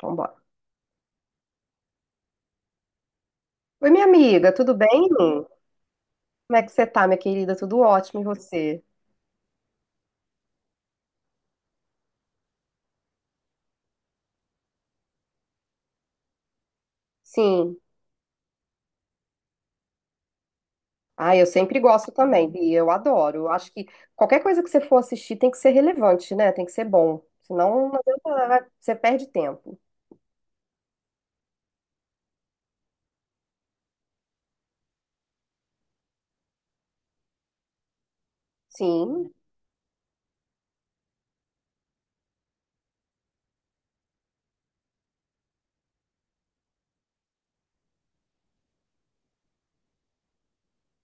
Vambora. Oi, minha amiga, tudo bem? Como é que você tá, minha querida? Tudo ótimo, e você? Sim. Ah, eu sempre gosto também, Bia, eu adoro. Eu acho que qualquer coisa que você for assistir tem que ser relevante, né? Tem que ser bom. Senão, não adianta, você perde tempo. Sim,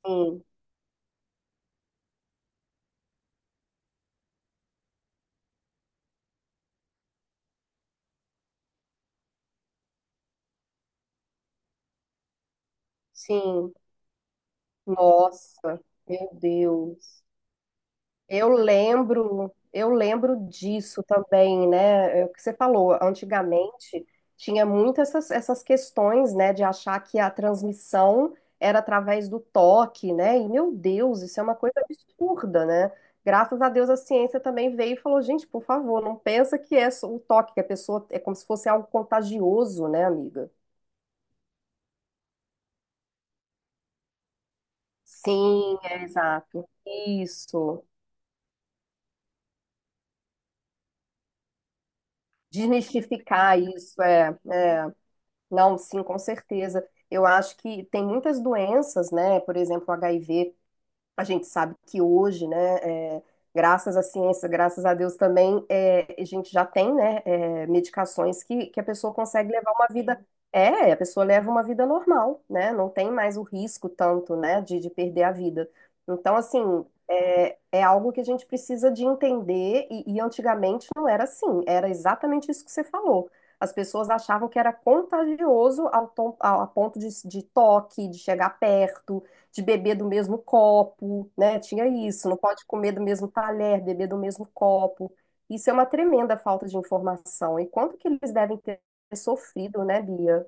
sim, sim. Nossa, meu Deus. Eu lembro disso também, né? É o que você falou, antigamente tinha muito essas, essas questões, né, de achar que a transmissão era através do toque, né? E meu Deus, isso é uma coisa absurda, né? Graças a Deus a ciência também veio e falou, gente, por favor, não pensa que é só o toque, que a pessoa é como se fosse algo contagioso, né, amiga? Sim, é exato. Isso. Desmistificar isso, é. É. Não, sim, com certeza. Eu acho que tem muitas doenças, né? Por exemplo, o HIV. A gente sabe que hoje, né, é, graças à ciência, graças a Deus também, a gente já tem, né, medicações que a pessoa consegue levar uma vida. É, a pessoa leva uma vida normal, né? Não tem mais o risco tanto, né, de perder a vida. Então, assim, é algo que a gente precisa de entender, e antigamente não era assim, era exatamente isso que você falou. As pessoas achavam que era contagioso ao, a ponto de toque, de chegar perto de beber do mesmo copo, né? Tinha isso, não pode comer do mesmo talher, beber do mesmo copo. Isso é uma tremenda falta de informação. E quanto que eles devem ter sofrido, né, Bia?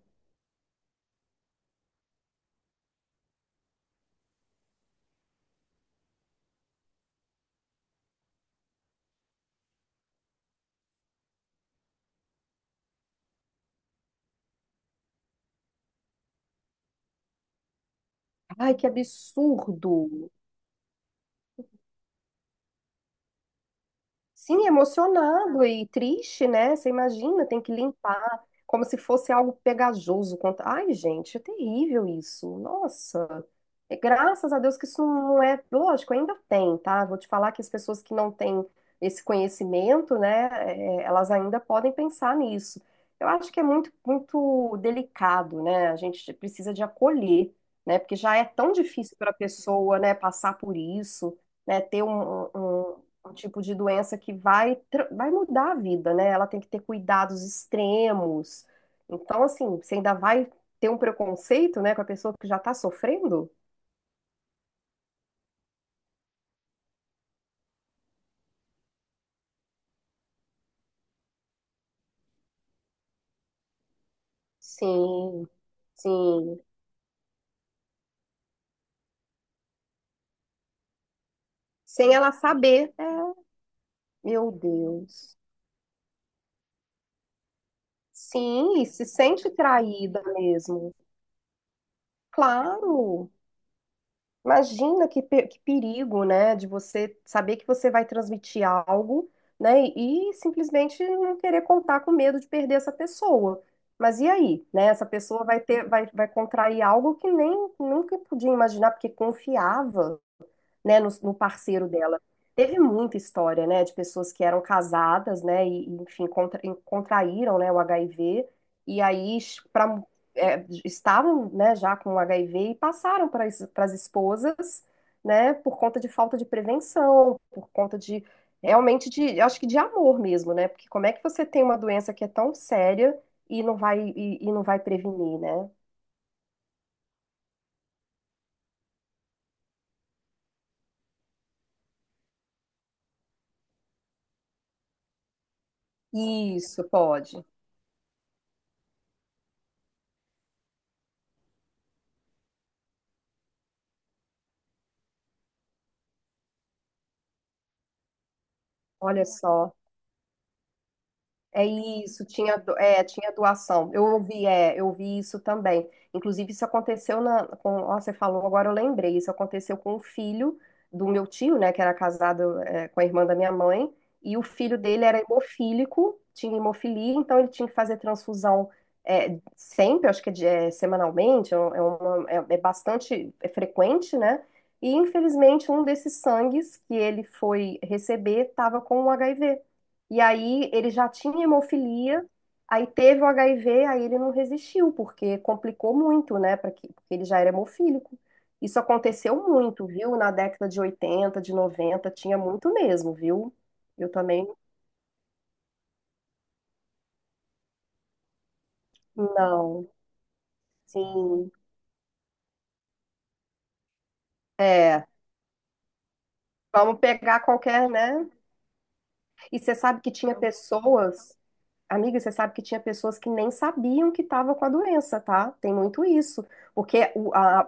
Ai, que absurdo! Sim, emocionado e triste, né? Você imagina, tem que limpar, como se fosse algo pegajoso. Ai, gente, é terrível isso. Nossa. E graças a Deus que isso não é. Lógico, ainda tem, tá? Vou te falar que as pessoas que não têm esse conhecimento, né, é, elas ainda podem pensar nisso. Eu acho que é muito, muito delicado, né? A gente precisa de acolher, né? Porque já é tão difícil para a pessoa, né, passar por isso, né, ter um tipo de doença que vai, vai mudar a vida, né? Ela tem que ter cuidados extremos. Então, assim, você ainda vai ter um preconceito, né, com a pessoa que já tá sofrendo? Sim, sim. Sem ela saber. É, meu Deus. Sim, e se sente traída mesmo. Claro. Imagina que, que perigo, né, de você saber que você vai transmitir algo, né, e simplesmente não querer contar com medo de perder essa pessoa. Mas e aí, né? Essa pessoa vai ter, vai, vai contrair algo que nem nunca podia imaginar, porque confiava, né, no, no parceiro dela. Teve muita história, né, de pessoas que eram casadas, né, e, enfim, contra, e contraíram, né, o HIV, e aí pra, é, estavam, né, já com o HIV e passaram para as esposas, né, por conta de falta de prevenção, por conta de, realmente, de, eu acho que de amor mesmo, né, porque como é que você tem uma doença que é tão séria e não vai prevenir, né? Isso, pode. Olha só. É isso, tinha, é, tinha doação. Eu ouvi, é, eu ouvi isso também. Inclusive, isso aconteceu na, com, ó, você falou, agora eu lembrei. Isso aconteceu com o filho do meu tio, né, que era casado, é, com a irmã da minha mãe, e o filho dele era hemofílico, tinha hemofilia, então ele tinha que fazer transfusão, é, sempre, acho que é, é, semanalmente, é, é bastante frequente, né? E infelizmente, um desses sangues que ele foi receber estava com o HIV. E aí ele já tinha hemofilia, aí teve o HIV, aí ele não resistiu, porque complicou muito, né? Porque ele já era hemofílico. Isso aconteceu muito, viu? Na década de 80, de 90 tinha muito mesmo, viu? Eu também não. Sim, é. Vamos pegar qualquer, né? E você sabe que tinha pessoas, amiga, você sabe que tinha pessoas que nem sabiam que estava com a doença, tá? Tem muito isso. Porque o- a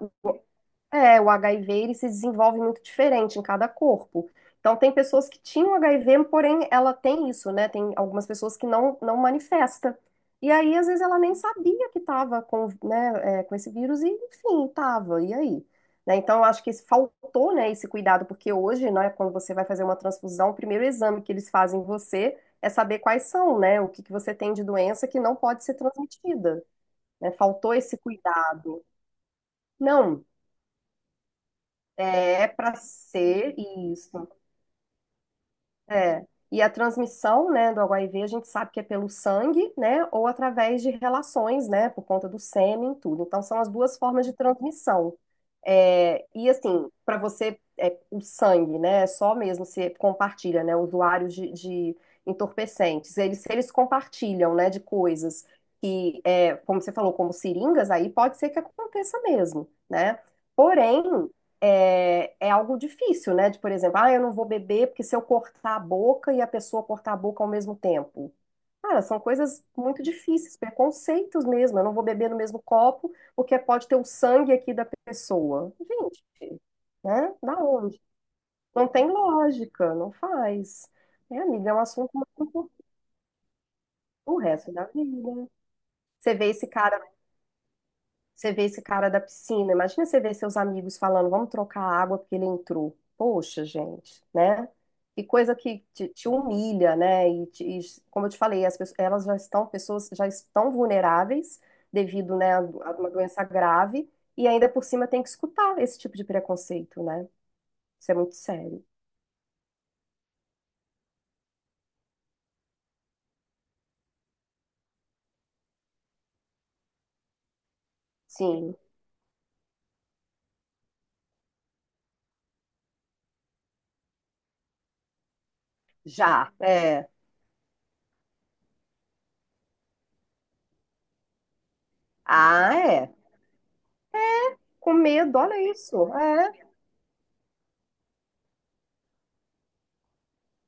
É, o HIV ele se desenvolve muito diferente em cada corpo. Então, tem pessoas que tinham HIV, porém ela tem isso, né? Tem algumas pessoas que não, não manifesta. E aí, às vezes, ela nem sabia que estava com, né, é, com esse vírus e, enfim, estava. E aí? Né? Então, eu acho que faltou, né, esse cuidado, porque hoje, né, quando você vai fazer uma transfusão, o primeiro exame que eles fazem em você é saber quais são, né, o que que você tem de doença que não pode ser transmitida. Né? Faltou esse cuidado. Não. É para ser isso. É. E a transmissão, né, do HIV, a gente sabe que é pelo sangue, né, ou através de relações, né, por conta do sêmen, tudo. Então, são as duas formas de transmissão. É, e assim, para você, é, o sangue, né, é só mesmo se compartilha, né, usuários de entorpecentes, eles, se eles compartilham, né, de coisas que, é, como você falou, como seringas, aí pode ser que aconteça mesmo, né? Porém, é, é algo difícil, né? De, por exemplo, ah, eu não vou beber porque se eu cortar a boca e a pessoa cortar a boca ao mesmo tempo. Cara, são coisas muito difíceis, preconceitos mesmo. Eu não vou beber no mesmo copo porque pode ter o sangue aqui da pessoa. Gente, né? Da onde? Não tem lógica, não faz. É, amiga, é um assunto muito importante o resto da vida. Você vê esse cara Você vê esse cara da piscina, imagina você ver seus amigos falando, vamos trocar a água porque ele entrou. Poxa, gente, né? E coisa que te humilha, né? Como eu te falei, as pessoas, elas já estão, pessoas já estão vulneráveis devido, né, a uma doença grave e ainda por cima tem que escutar esse tipo de preconceito, né? Isso é muito sério. Sim, já, é. Ah, é. Com medo, olha isso. É.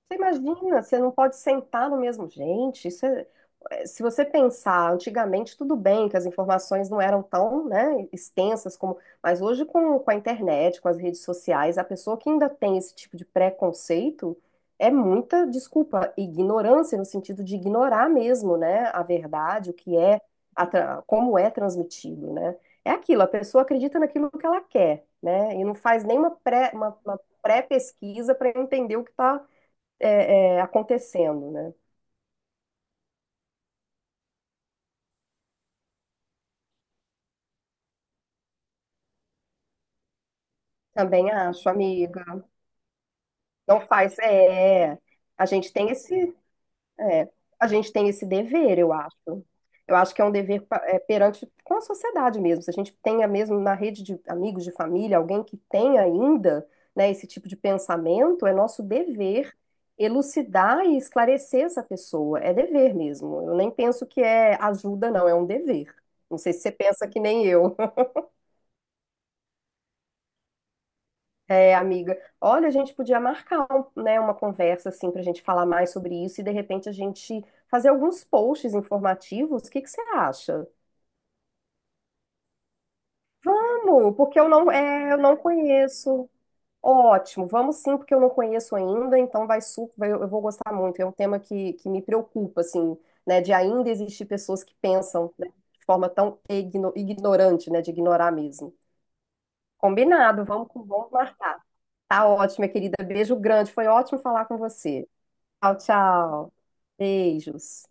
Você imagina, você não pode sentar no mesmo. Gente, é, se você pensar, antigamente tudo bem que as informações não eram tão, né, extensas como. Mas hoje, com a internet, com as redes sociais, a pessoa que ainda tem esse tipo de preconceito é muita, desculpa, ignorância, no sentido de ignorar mesmo, né, a verdade, o que é, a como é transmitido, né? É aquilo, a pessoa acredita naquilo que ela quer, né, e não faz nenhuma pré, uma pré-pesquisa para entender o que está é, é, acontecendo, né? Também acho, amiga. Não faz, é, a gente tem esse, é, a gente tem esse dever, eu acho. Eu acho que é um dever é, perante com a sociedade mesmo. Se a gente tenha mesmo na rede de amigos, de família, alguém que tem ainda, né, esse tipo de pensamento, é nosso dever elucidar e esclarecer essa pessoa. É dever mesmo. Eu nem penso que é ajuda, não, é um dever. Não sei se você pensa que nem eu. É, amiga, olha, a gente podia marcar, né, uma conversa assim para a gente falar mais sobre isso e de repente a gente fazer alguns posts informativos. O que que você acha? Vamos, porque eu não, é, eu não conheço. Ótimo, vamos sim, porque eu não conheço ainda, então vai super, eu, vou gostar muito. É um tema que me preocupa, assim, né, de ainda existir pessoas que pensam, né, de forma tão ignorante, né, de ignorar mesmo. Combinado, vamos, vamos marcar. Tá ótimo, minha querida. Beijo grande. Foi ótimo falar com você. Tchau, tchau. Beijos.